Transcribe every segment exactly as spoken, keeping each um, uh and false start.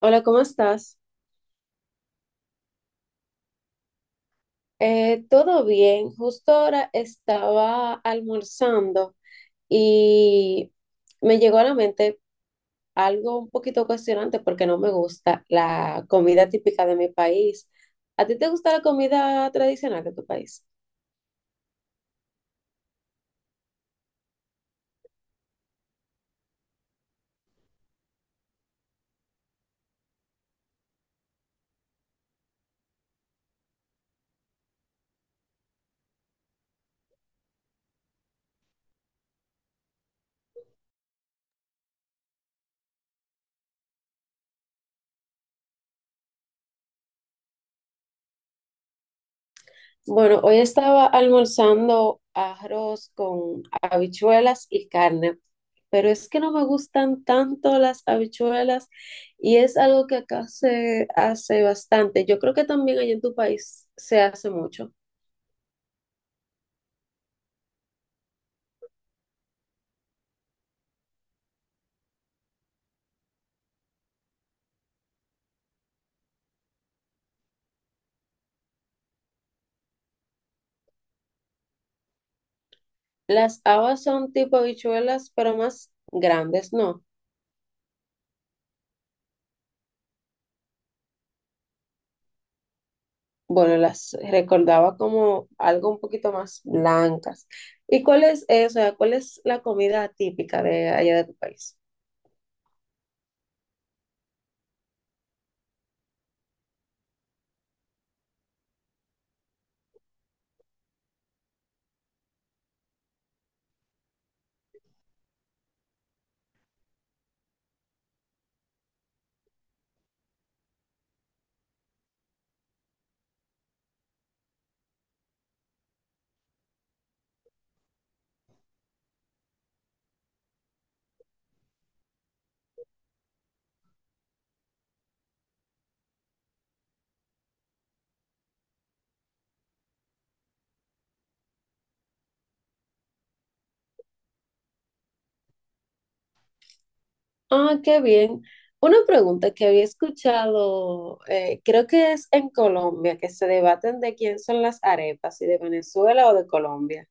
Hola, ¿cómo estás? Eh, todo bien. Justo ahora estaba almorzando y me llegó a la mente algo un poquito cuestionante porque no me gusta la comida típica de mi país. ¿A ti te gusta la comida tradicional de tu país? Bueno, hoy estaba almorzando arroz con habichuelas y carne, pero es que no me gustan tanto las habichuelas y es algo que acá se hace bastante. Yo creo que también allá en tu país se hace mucho. Las habas son tipo habichuelas, pero más grandes, ¿no? Bueno, las recordaba como algo un poquito más blancas. ¿Y cuál es eso? ¿Cuál es la comida típica de allá de tu país? Ah, qué bien. Una pregunta que había escuchado, eh, creo que es en Colombia, que se debaten de quién son las arepas, si de Venezuela o de Colombia.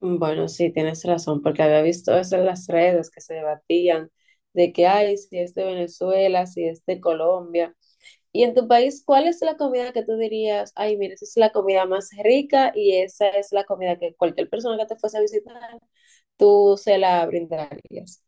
Bueno, sí, tienes razón, porque había visto eso en las redes que se debatían de que hay, si es de Venezuela, si es de Colombia. Y en tu país, ¿cuál es la comida que tú dirías, ay, mira, esa es la comida más rica y esa es la comida que cualquier persona que te fuese a visitar, tú se la brindarías?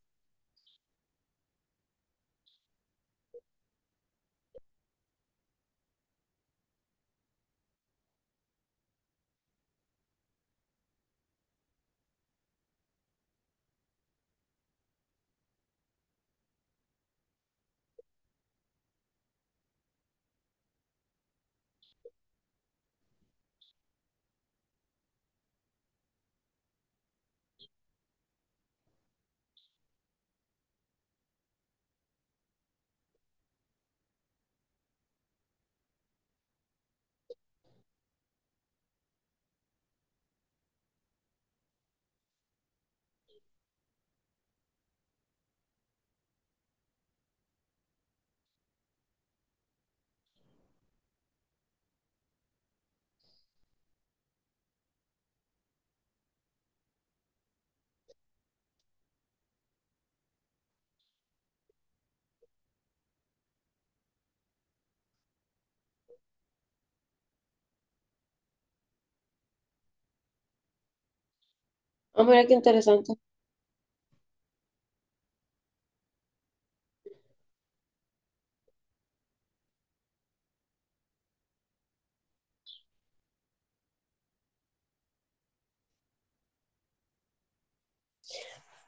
Ah, mira qué interesante.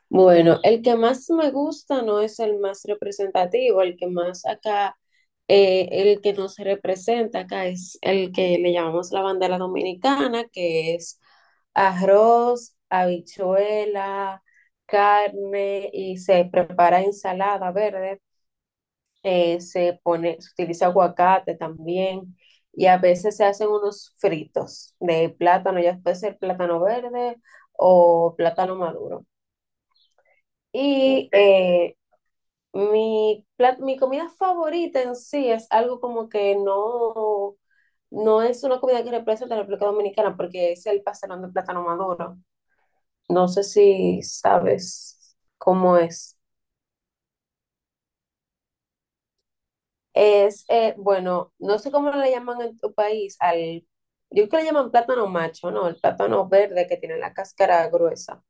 Bueno, el que más me gusta no es el más representativo, el que más acá, eh, el que nos representa acá es el que le llamamos la bandera dominicana, que es arroz, habichuela, carne y se prepara ensalada verde, eh, se pone, se utiliza aguacate también y a veces se hacen unos fritos de plátano, ya puede ser plátano verde o plátano maduro. Y eh, mi, plat- mi comida favorita en sí es algo como que no, no es una comida que representa a la República Dominicana porque es el pastelón de plátano maduro. No sé si sabes cómo es. Es, eh, bueno, no sé cómo le llaman en tu país al, yo creo que le llaman plátano macho, ¿no? El plátano verde que tiene la cáscara gruesa.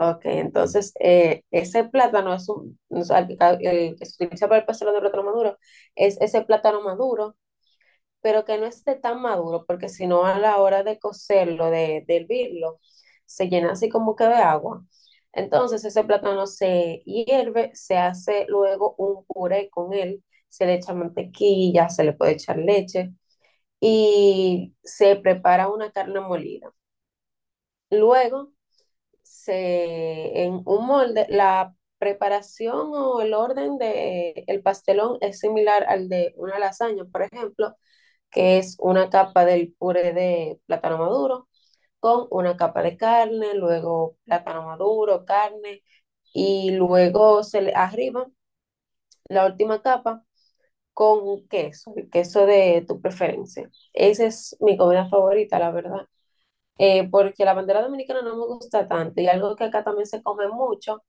Ok, entonces eh, ese plátano es un, o sea, el, que ca- el que se utiliza para el pastelón de plátano maduro, es ese plátano maduro pero que no esté tan maduro, porque si no a la hora de cocerlo, de, de hervirlo, se llena así como que de agua. Entonces ese plátano se hierve, se hace luego un puré con él, se le echa mantequilla, se le puede echar leche y se prepara una carne molida. Luego se en un molde la preparación o el orden de eh, el pastelón es similar al de una lasaña, por ejemplo, que es una capa del puré de plátano maduro con una capa de carne, luego plátano maduro, carne y luego se le arriba la última capa con un queso, el queso de tu preferencia. Esa es mi comida favorita, la verdad. Eh, porque la bandera dominicana no me gusta tanto y algo que acá también se come mucho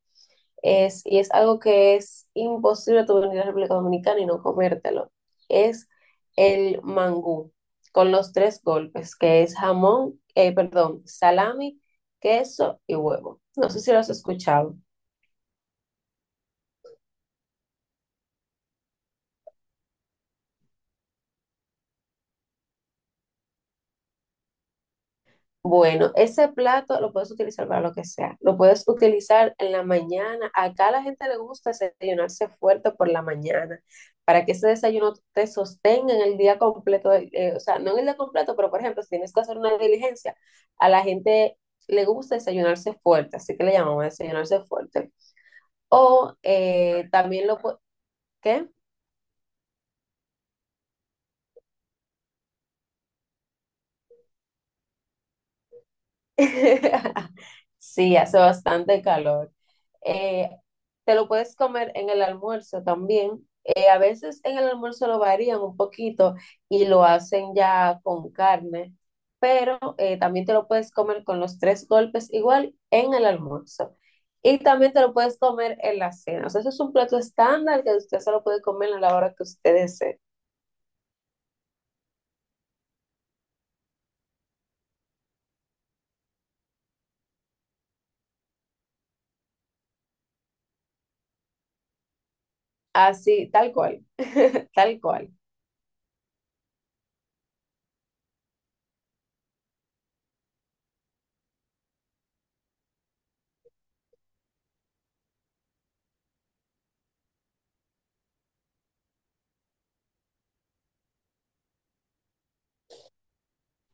es, y es algo que es imposible tú venir a la República Dominicana y no comértelo. Es el mangú, con los tres golpes, que es jamón, eh, perdón, salami, queso y huevo. No sé si lo has escuchado. Bueno, ese plato lo puedes utilizar para lo que sea. Lo puedes utilizar en la mañana. Acá a la gente le gusta desayunarse fuerte por la mañana para que ese desayuno te sostenga en el día completo. Eh, o sea, no en el día completo, pero por ejemplo, si tienes que hacer una diligencia, a la gente le gusta desayunarse fuerte, así que le llamamos desayunarse fuerte. O eh, también lo puedes... ¿Qué? Sí, hace bastante calor. Eh, Te lo puedes comer en el almuerzo también. Eh, a veces en el almuerzo lo varían un poquito y lo hacen ya con carne, pero eh, también te lo puedes comer con los tres golpes igual en el almuerzo. Y también te lo puedes comer en la cena. O sea, eso es un plato estándar que usted solo puede comer a la hora que usted desee. Así, tal cual, tal cual.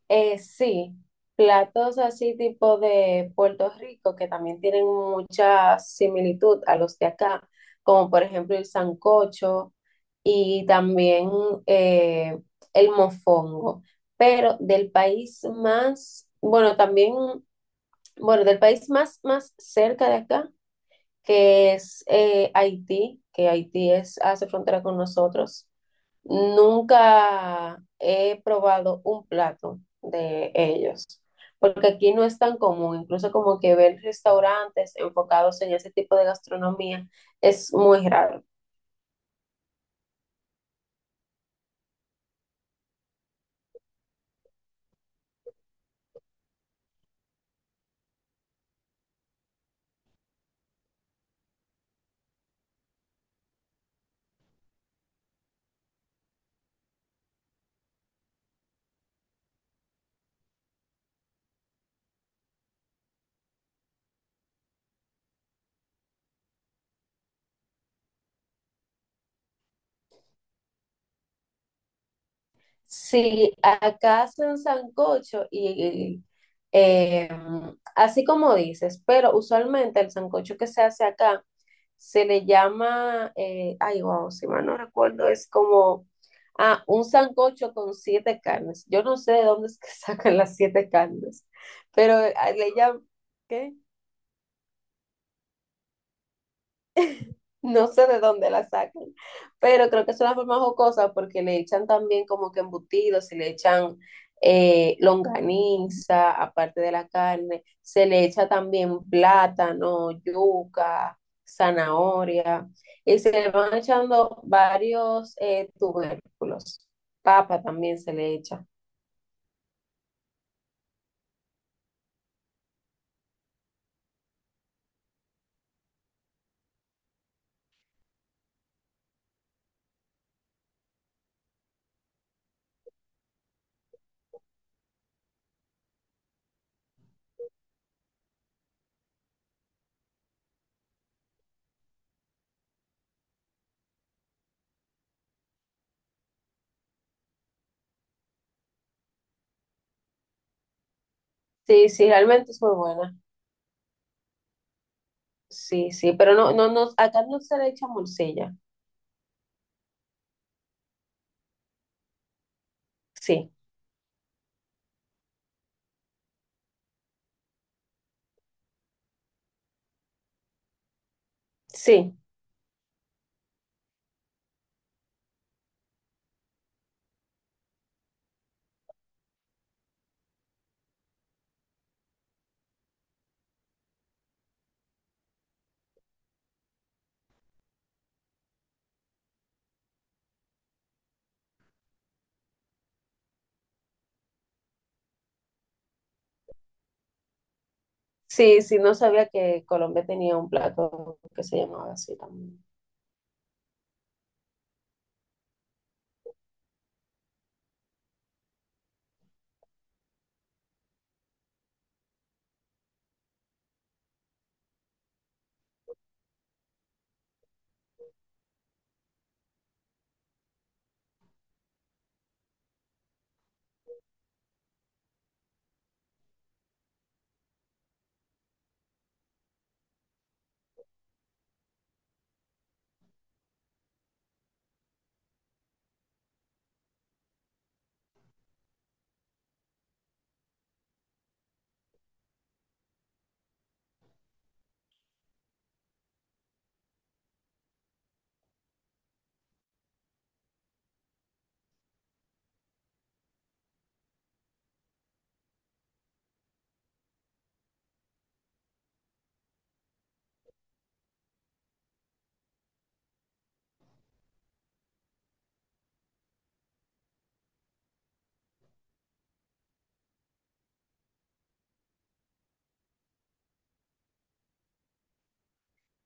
Eh, sí, platos así tipo de Puerto Rico que también tienen mucha similitud a los de acá, como por ejemplo el sancocho y también eh, el mofongo, pero del país más, bueno, también, bueno, del país más, más cerca de acá, que es eh, Haití, que Haití es, hace frontera con nosotros. Nunca he probado un plato de ellos, porque aquí no es tan común, incluso como que ver restaurantes enfocados en ese tipo de gastronomía es muy raro. Si acá hacen sancocho y eh, así como dices, pero usualmente el sancocho que se hace acá se le llama, eh, ay, wow, si mal no recuerdo, es como ah, un sancocho con siete carnes. Yo no sé de dónde es que sacan las siete carnes, pero eh, le llaman, ¿qué? No sé de dónde la sacan, pero creo que es una forma jocosa porque le echan también como que embutidos, se le echan eh, longaniza, aparte de la carne, se le echa también plátano, yuca, zanahoria, y se le van echando varios eh, tubérculos. Papa también se le echa. Sí, sí, realmente es muy buena. Sí, sí, pero no, no, no, acá no se le echa morcilla. Sí, sí. Sí, sí, no sabía que Colombia tenía un plato que se llamaba así también.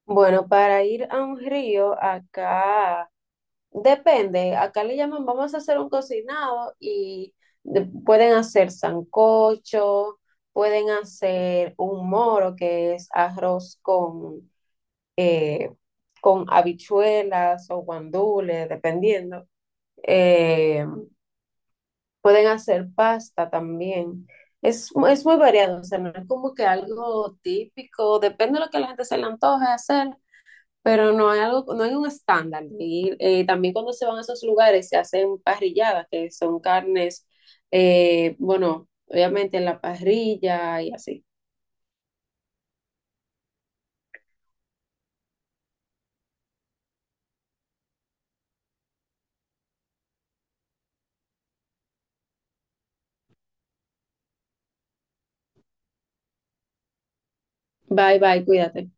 Bueno, para ir a un río, acá depende, acá le llaman, vamos a hacer un cocinado y de- pueden hacer sancocho, pueden hacer un moro, que es arroz con, eh, con habichuelas o guandules, dependiendo. eh, Pueden hacer pasta también. Es, mu- es muy variado, o sea, no es como que algo típico, depende de lo que a la gente se le antoje hacer, pero no hay algo, no hay un estándar. Y eh, también cuando se van a esos lugares se hacen parrilladas, que son carnes, eh, bueno, obviamente en la parrilla y así. Bye, bye, cuídate.